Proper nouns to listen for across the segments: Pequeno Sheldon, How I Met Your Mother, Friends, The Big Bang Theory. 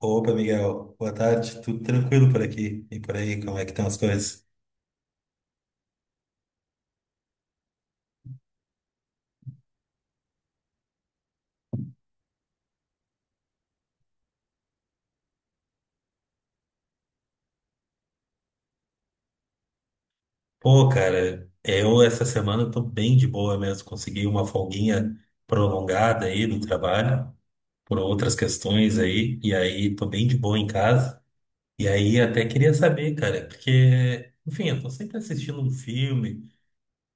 Opa, Miguel. Boa tarde. Tudo tranquilo por aqui? E por aí, como é que estão as coisas? Pô, cara, eu essa semana tô bem de boa mesmo. Consegui uma folguinha prolongada aí do trabalho, por outras questões aí, e aí tô bem de boa em casa. E aí até queria saber, cara, porque, enfim, eu tô sempre assistindo um filme.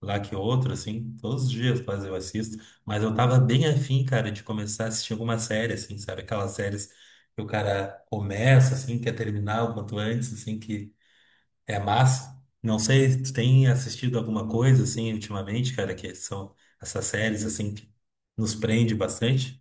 Lá que outro, assim, todos os dias quase eu assisto, mas eu tava bem afim, cara, de começar a assistir alguma série, assim, sabe? Aquelas séries que o cara começa, assim, quer terminar o quanto antes, assim, que é massa. Não sei, tu tem assistido alguma coisa, assim, ultimamente, cara, que são essas séries, assim, que nos prende bastante?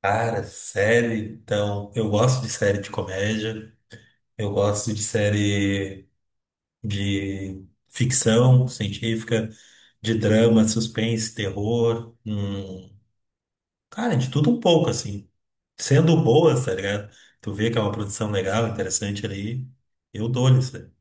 Cara, série, então, eu gosto de série de comédia, eu gosto de série. De ficção científica, de drama, suspense, terror, cara, de tudo um pouco, assim. Sendo boas, tá ligado? Tu vê que é uma produção legal, interessante ali, eu dou-lhe isso aí.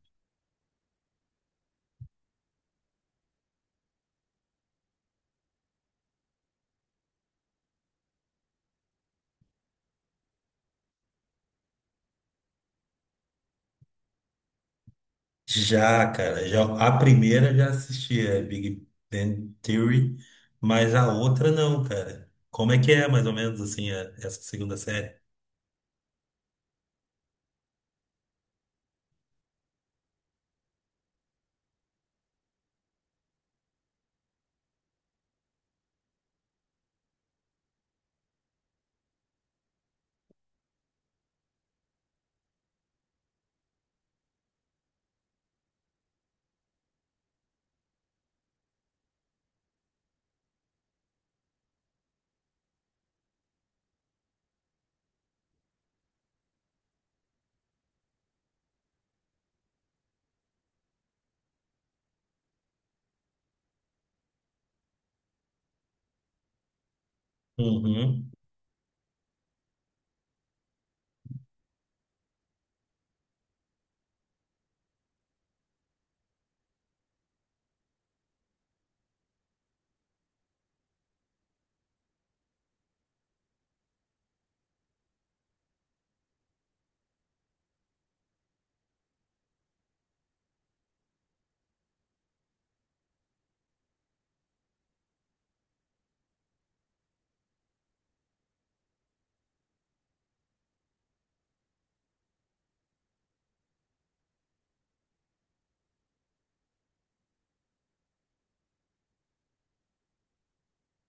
Já, cara, já, a primeira eu já assisti, é Big Bang Theory, mas a outra não, cara. Como é que é, mais ou menos, assim, essa segunda série? Uhum.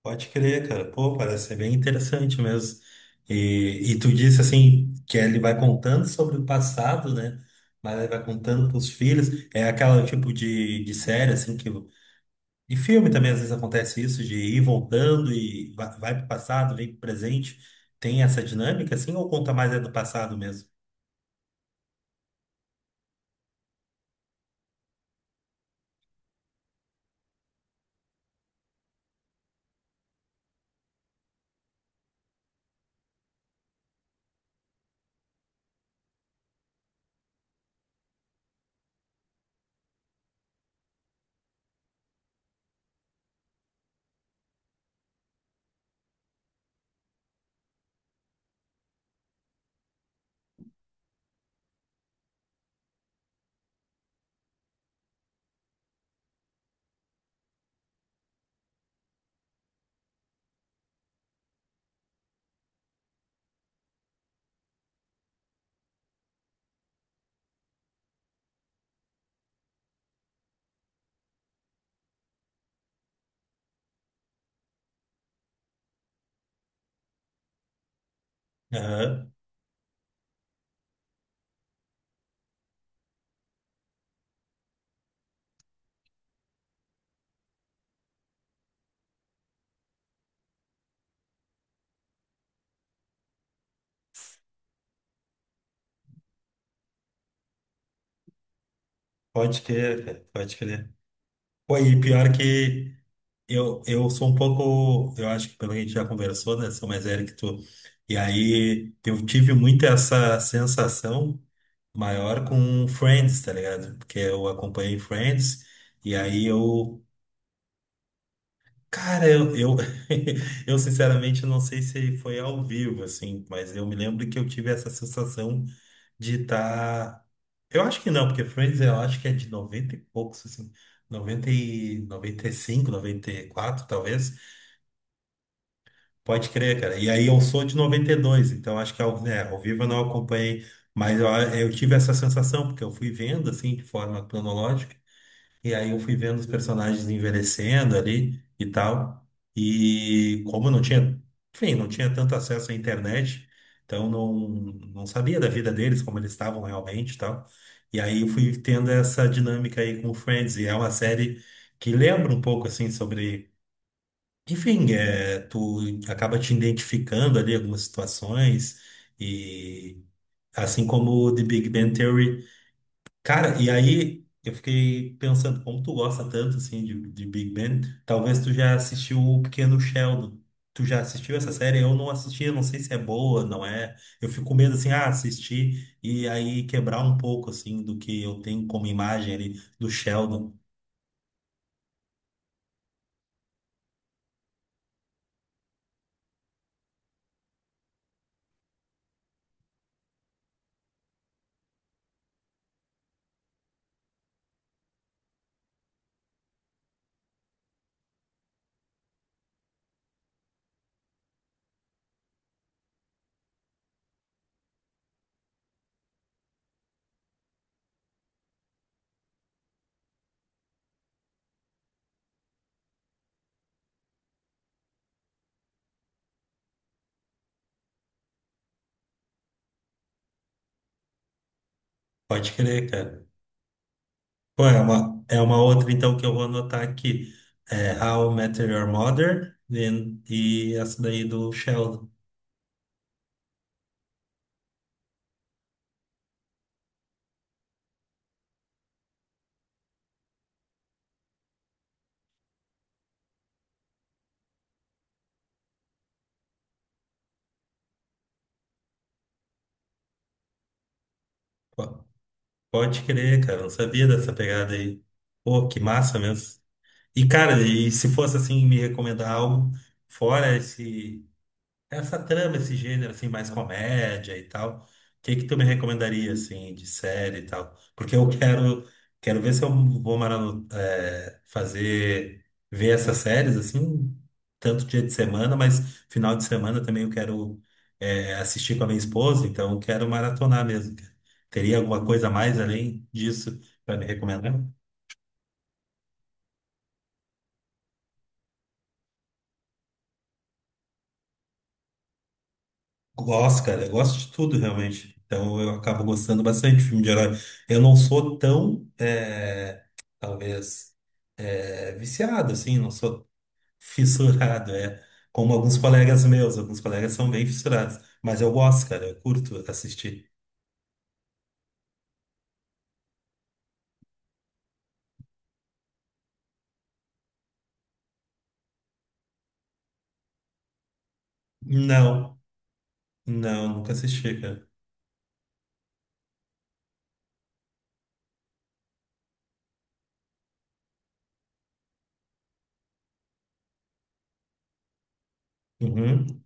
Pode crer, cara. Pô, parece ser bem interessante mesmo. E tu disse assim que ele vai contando sobre o passado, né? Mas ele vai contando pros filhos. É aquela tipo de série, assim, que. De filme também às vezes acontece isso, de ir voltando e vai pro passado, vem pro presente. Tem essa dinâmica, assim, ou conta mais é do passado mesmo? Aham. Pode crer, cara. Pode crer. Pô, e pior que. Eu sou um pouco, eu acho que pelo que a gente já conversou, né? Sou mais velho que tu. E aí eu tive muito essa sensação maior com Friends, tá ligado? Porque eu acompanhei Friends e aí eu, eu sinceramente não sei se foi ao vivo, assim, mas eu me lembro que eu tive essa sensação de estar. Eu acho que não, porque Friends eu acho que é de 90 e poucos, assim, 90 e noventa noventa e cinco noventa e quatro talvez. Pode crer, cara. E aí eu sou de 92, então acho que ao, né, ao vivo eu não acompanhei, mas eu tive essa sensação, porque eu fui vendo assim, de forma cronológica, e aí eu fui vendo os personagens envelhecendo ali e tal. E como eu não tinha, enfim, não tinha tanto acesso à internet, então não sabia da vida deles, como eles estavam realmente e tal. E aí eu fui tendo essa dinâmica aí com o Friends, e é uma série que lembra um pouco assim sobre enfim, é, tu acaba te identificando ali algumas situações e assim como o The Big Bang Theory. Cara, e aí eu fiquei pensando, como tu gosta tanto assim de Big Bang, talvez tu já assistiu o Pequeno Sheldon. Tu já assistiu essa série? Eu não assisti, eu não sei se é boa, não é. Eu fico com medo assim, ah, assistir e aí quebrar um pouco assim do que eu tenho como imagem ali do Sheldon. Pode crer, cara. Pô, é uma outra, então, que eu vou anotar aqui. É How I Met Your Mother e essa daí do Sheldon. Pô, pode crer, cara. Eu não sabia dessa pegada aí. Pô, que massa mesmo. E, cara, e se fosse assim, me recomendar algo fora esse. Essa trama, esse gênero, assim, mais comédia e tal, o que que tu me recomendaria, assim, de série e tal? Porque quero ver se eu vou fazer, ver essas séries, assim, tanto dia de semana, mas final de semana também eu quero assistir com a minha esposa, então eu quero maratonar mesmo. Teria alguma coisa a mais além disso para me recomendar? Gosto, cara. Eu gosto de tudo, realmente. Então, eu acabo gostando bastante de filme de herói. Eu não sou tão, é, talvez, é, viciado, assim. Não sou fissurado, é. Como alguns colegas meus. Alguns colegas são bem fissurados. Mas eu gosto, cara. Eu curto assistir. Não, não, nunca assisti, cara. Uhum.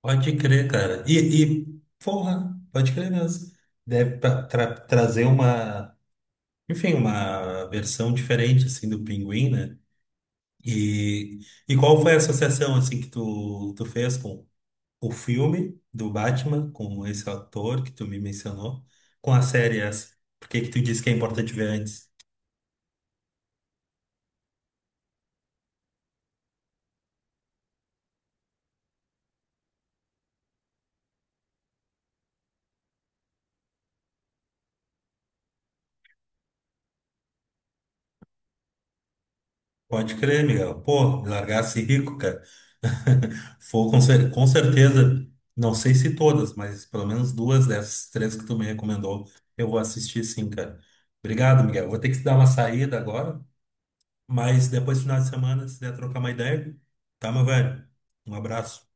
Pode crer, cara. E porra, pode crer mesmo. Deve trazer uma, enfim, uma versão diferente, assim, do Pinguim, né? E, e qual foi a associação assim que tu fez com o filme do Batman, com esse ator que tu me mencionou, com a série essa? Por que que tu disse que é importante ver antes? Pode crer, Miguel. Pô, me largasse rico, cara. Foi com, com certeza, não sei se todas, mas pelo menos duas dessas três que tu me recomendou, eu vou assistir sim, cara. Obrigado, Miguel. Vou ter que dar uma saída agora, mas depois, final de semana, se der trocar uma ideia, tá, meu velho? Um abraço.